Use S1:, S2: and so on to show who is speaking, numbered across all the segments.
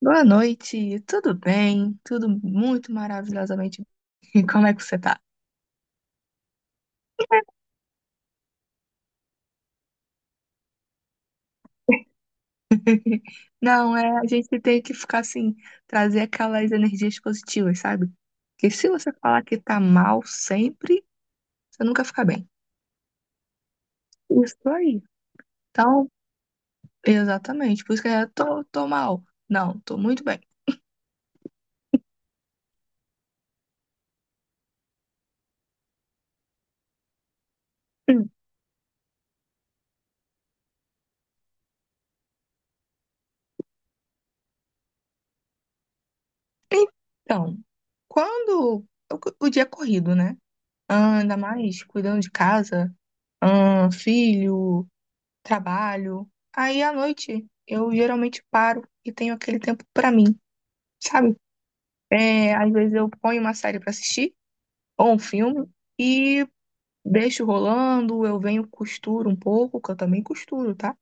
S1: Boa noite, tudo bem? Tudo muito maravilhosamente bem. Como é que você tá? Não, é, a gente tem que ficar assim, trazer aquelas energias positivas, sabe? Porque se você falar que tá mal sempre, você nunca fica bem. Isso aí. Então, exatamente, por isso que eu tô mal. Não, tô muito bem. Hum. Então, quando o dia é corrido, né? Ah, ainda mais cuidando de casa, ah, filho. Trabalho. Aí à noite eu geralmente paro e tenho aquele tempo pra mim, sabe? É, às vezes eu ponho uma série pra assistir ou um filme e deixo rolando, eu venho costuro um pouco, que eu também costuro, tá?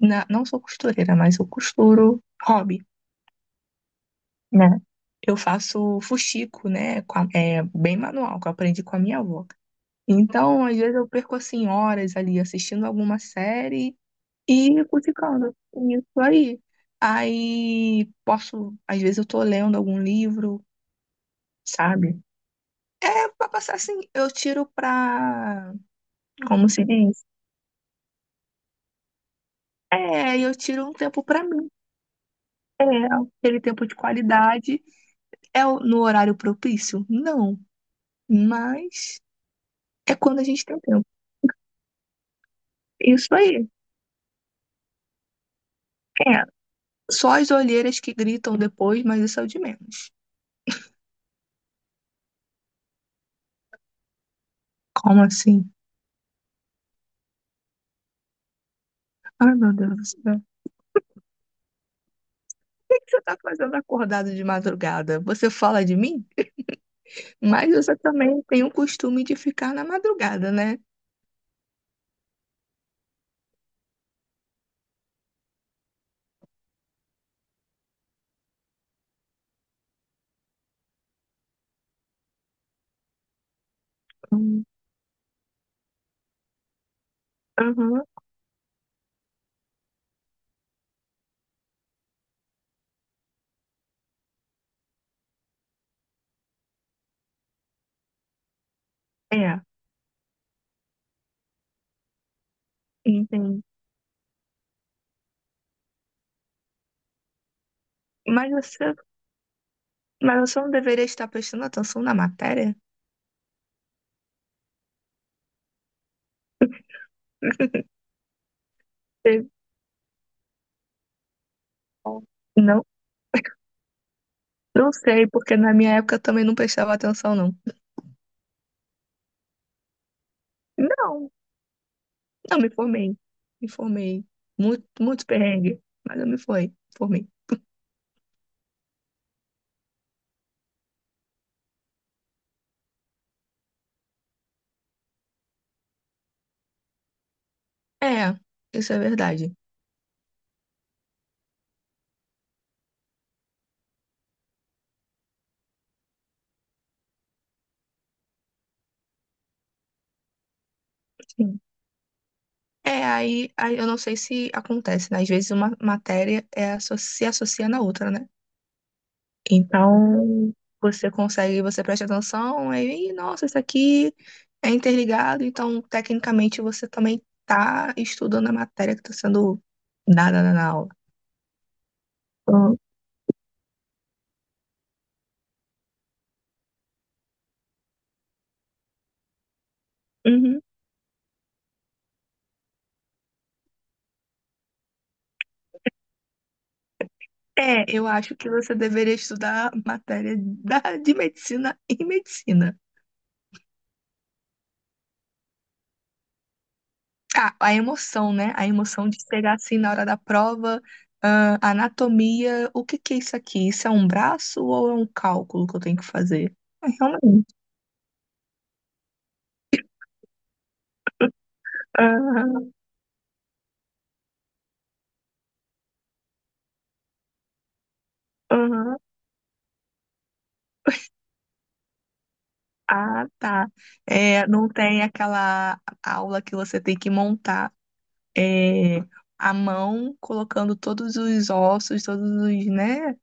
S1: Não sou costureira, mas eu costuro hobby, né? Eu faço fuxico, né? É bem manual, que eu aprendi com a minha avó. Então, às vezes eu perco assim horas ali assistindo alguma série. E fui ficando nisso aí. Aí posso, às vezes eu tô lendo algum livro, sabe? É pra passar assim, eu como se diz? É, eu tiro um tempo pra mim. É, aquele tempo de qualidade. No horário propício? Não, mas é quando a gente tem tempo. Isso aí. É, só as olheiras que gritam depois, mas isso é o de menos. Como assim? Ai, meu Deus. Que você está fazendo acordado de madrugada? Você fala de mim? Mas você também tem o costume de ficar na madrugada, né? Hum. Aham. É, entendi. Mas você, mas você não deveria estar prestando atenção na matéria? Você- Não, não sei, porque na minha época eu também não prestava atenção, não. Não, não me formei. Me formei. Muito, muito perrengue, mas eu formei. É, isso é verdade. É, aí eu não sei se acontece, né? Às vezes uma matéria é, se associa na outra, né? Então, você consegue, você presta atenção, aí, "Ih, nossa, isso aqui é interligado, então, tecnicamente, você também tá estudando a matéria que está sendo dada na aula. Então, uhum. É, eu acho que você deveria estudar matéria de medicina e medicina. Ah, a emoção, né? A emoção de pegar assim na hora da prova, ah, anatomia, o que que é isso aqui? Isso é um braço ou é um cálculo que eu tenho que fazer? É, realmente. Aham, aham. Ah, tá. É, não tem aquela aula que você tem que montar é, a mão, colocando todos os ossos, todos os, né,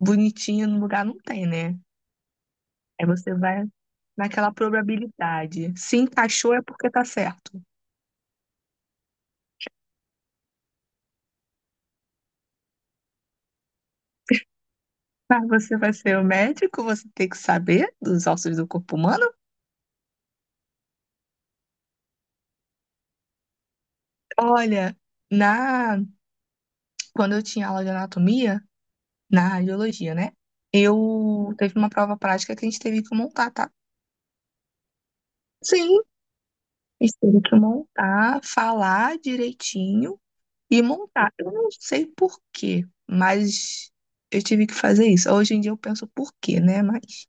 S1: bonitinho no lugar, não tem, né? Aí você vai naquela probabilidade. Se encaixou é porque tá certo. Mas você vai ser o médico, você tem que saber dos ossos do corpo humano? Olha, na quando eu tinha aula de anatomia, na radiologia, né? Eu teve uma prova prática que a gente teve que montar, tá? Sim, a gente teve que montar, falar direitinho e montar. Eu não sei por quê, mas eu tive que fazer isso. Hoje em dia eu penso por quê, né? Mas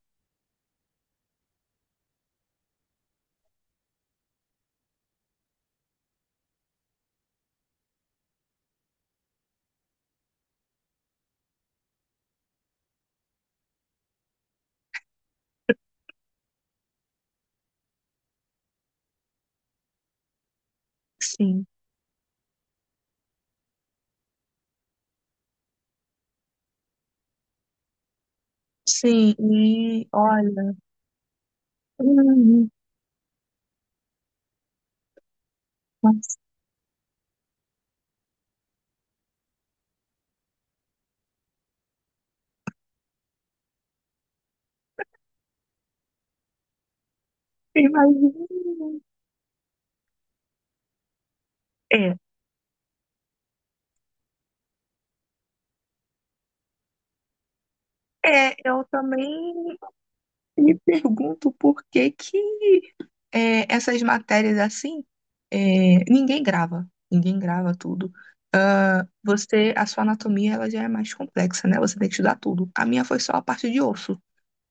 S1: sim, sim, e olha, hum, nossa, imagina. Né? É. É, eu também me pergunto por que que é, essas matérias assim, é, ninguém grava tudo. Ah, você, a sua anatomia, ela já é mais complexa, né? Você tem que estudar tudo. A minha foi só a parte de osso,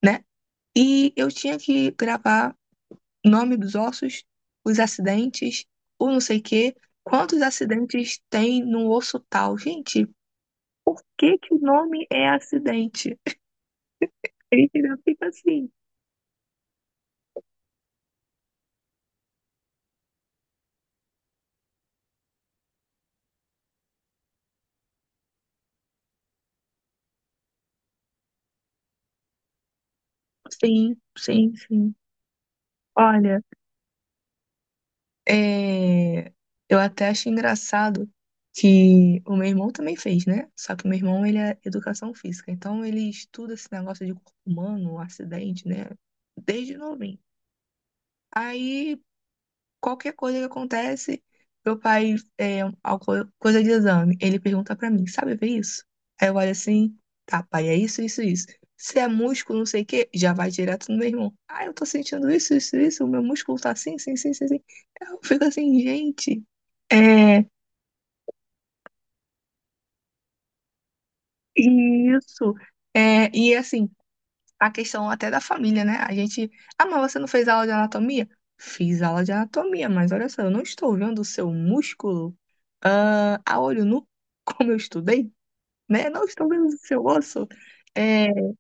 S1: né? E eu tinha que gravar nome dos ossos, os acidentes, o não sei o quê, quantos acidentes tem no osso tal. Gente, que o nome é acidente? Ele fica assim. Sim, sim, sim. Olha, é, eu até acho engraçado que o meu irmão também fez, né? Só que o meu irmão, ele é educação física, então ele estuda esse negócio de corpo humano, um acidente, né? Desde novinho. Aí qualquer coisa que acontece, meu pai, é, alguma coisa de exame, ele pergunta pra mim, sabe ver isso? Aí eu olho assim, tá, pai, é isso, isso, isso. Se é músculo, não sei o quê, já vai direto no meu irmão. Ah, eu tô sentindo isso, isso, isso, o meu músculo tá assim, assim, assim, assim. Eu fico assim, gente, é isso. É, e assim, a questão até da família, né? A gente. Ah, mas você não fez aula de anatomia? Fiz aula de anatomia, mas olha só, eu não estou vendo o seu músculo ah, a olho nu, como eu estudei, né? Não estou vendo o seu osso. É, é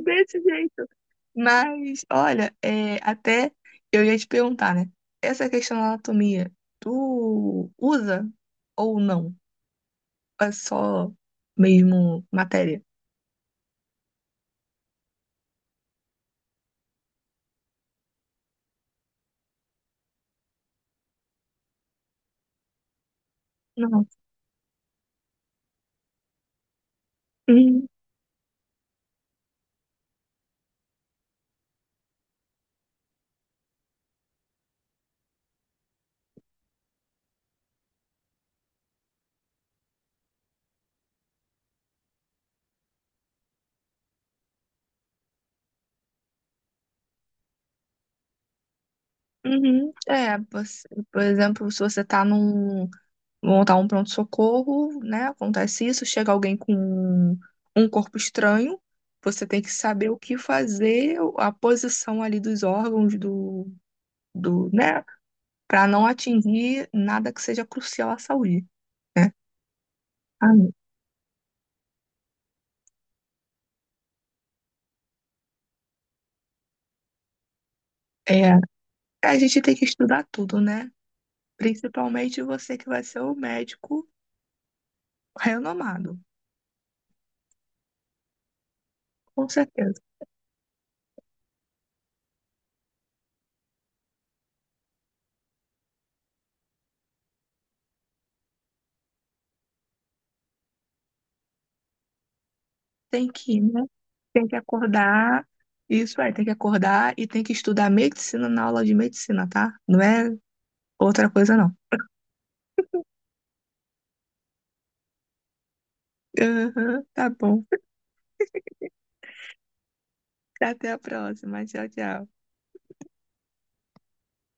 S1: desse jeito. Mas, olha, é, até eu ia te perguntar, né? Essa questão da anatomia, tu usa ou não? É só mesmo matéria? Não. "Uhum." Uhum. É, você- por exemplo, se você tá num, montar um pronto-socorro, né? Acontece isso, chega alguém com um um corpo estranho, você tem que saber o que fazer, a posição ali dos órgãos do, do, né? Para não atingir nada que seja crucial à saúde, né? Ah, é, a gente tem que estudar tudo, né? Principalmente você que vai ser o médico renomado, com certeza. Tem que ir, né? Tem que acordar. Isso é, tem que acordar e tem que estudar medicina na aula de medicina, tá? Não é outra coisa, não. Aham, tá bom. Até a próxima. Tchau, tchau.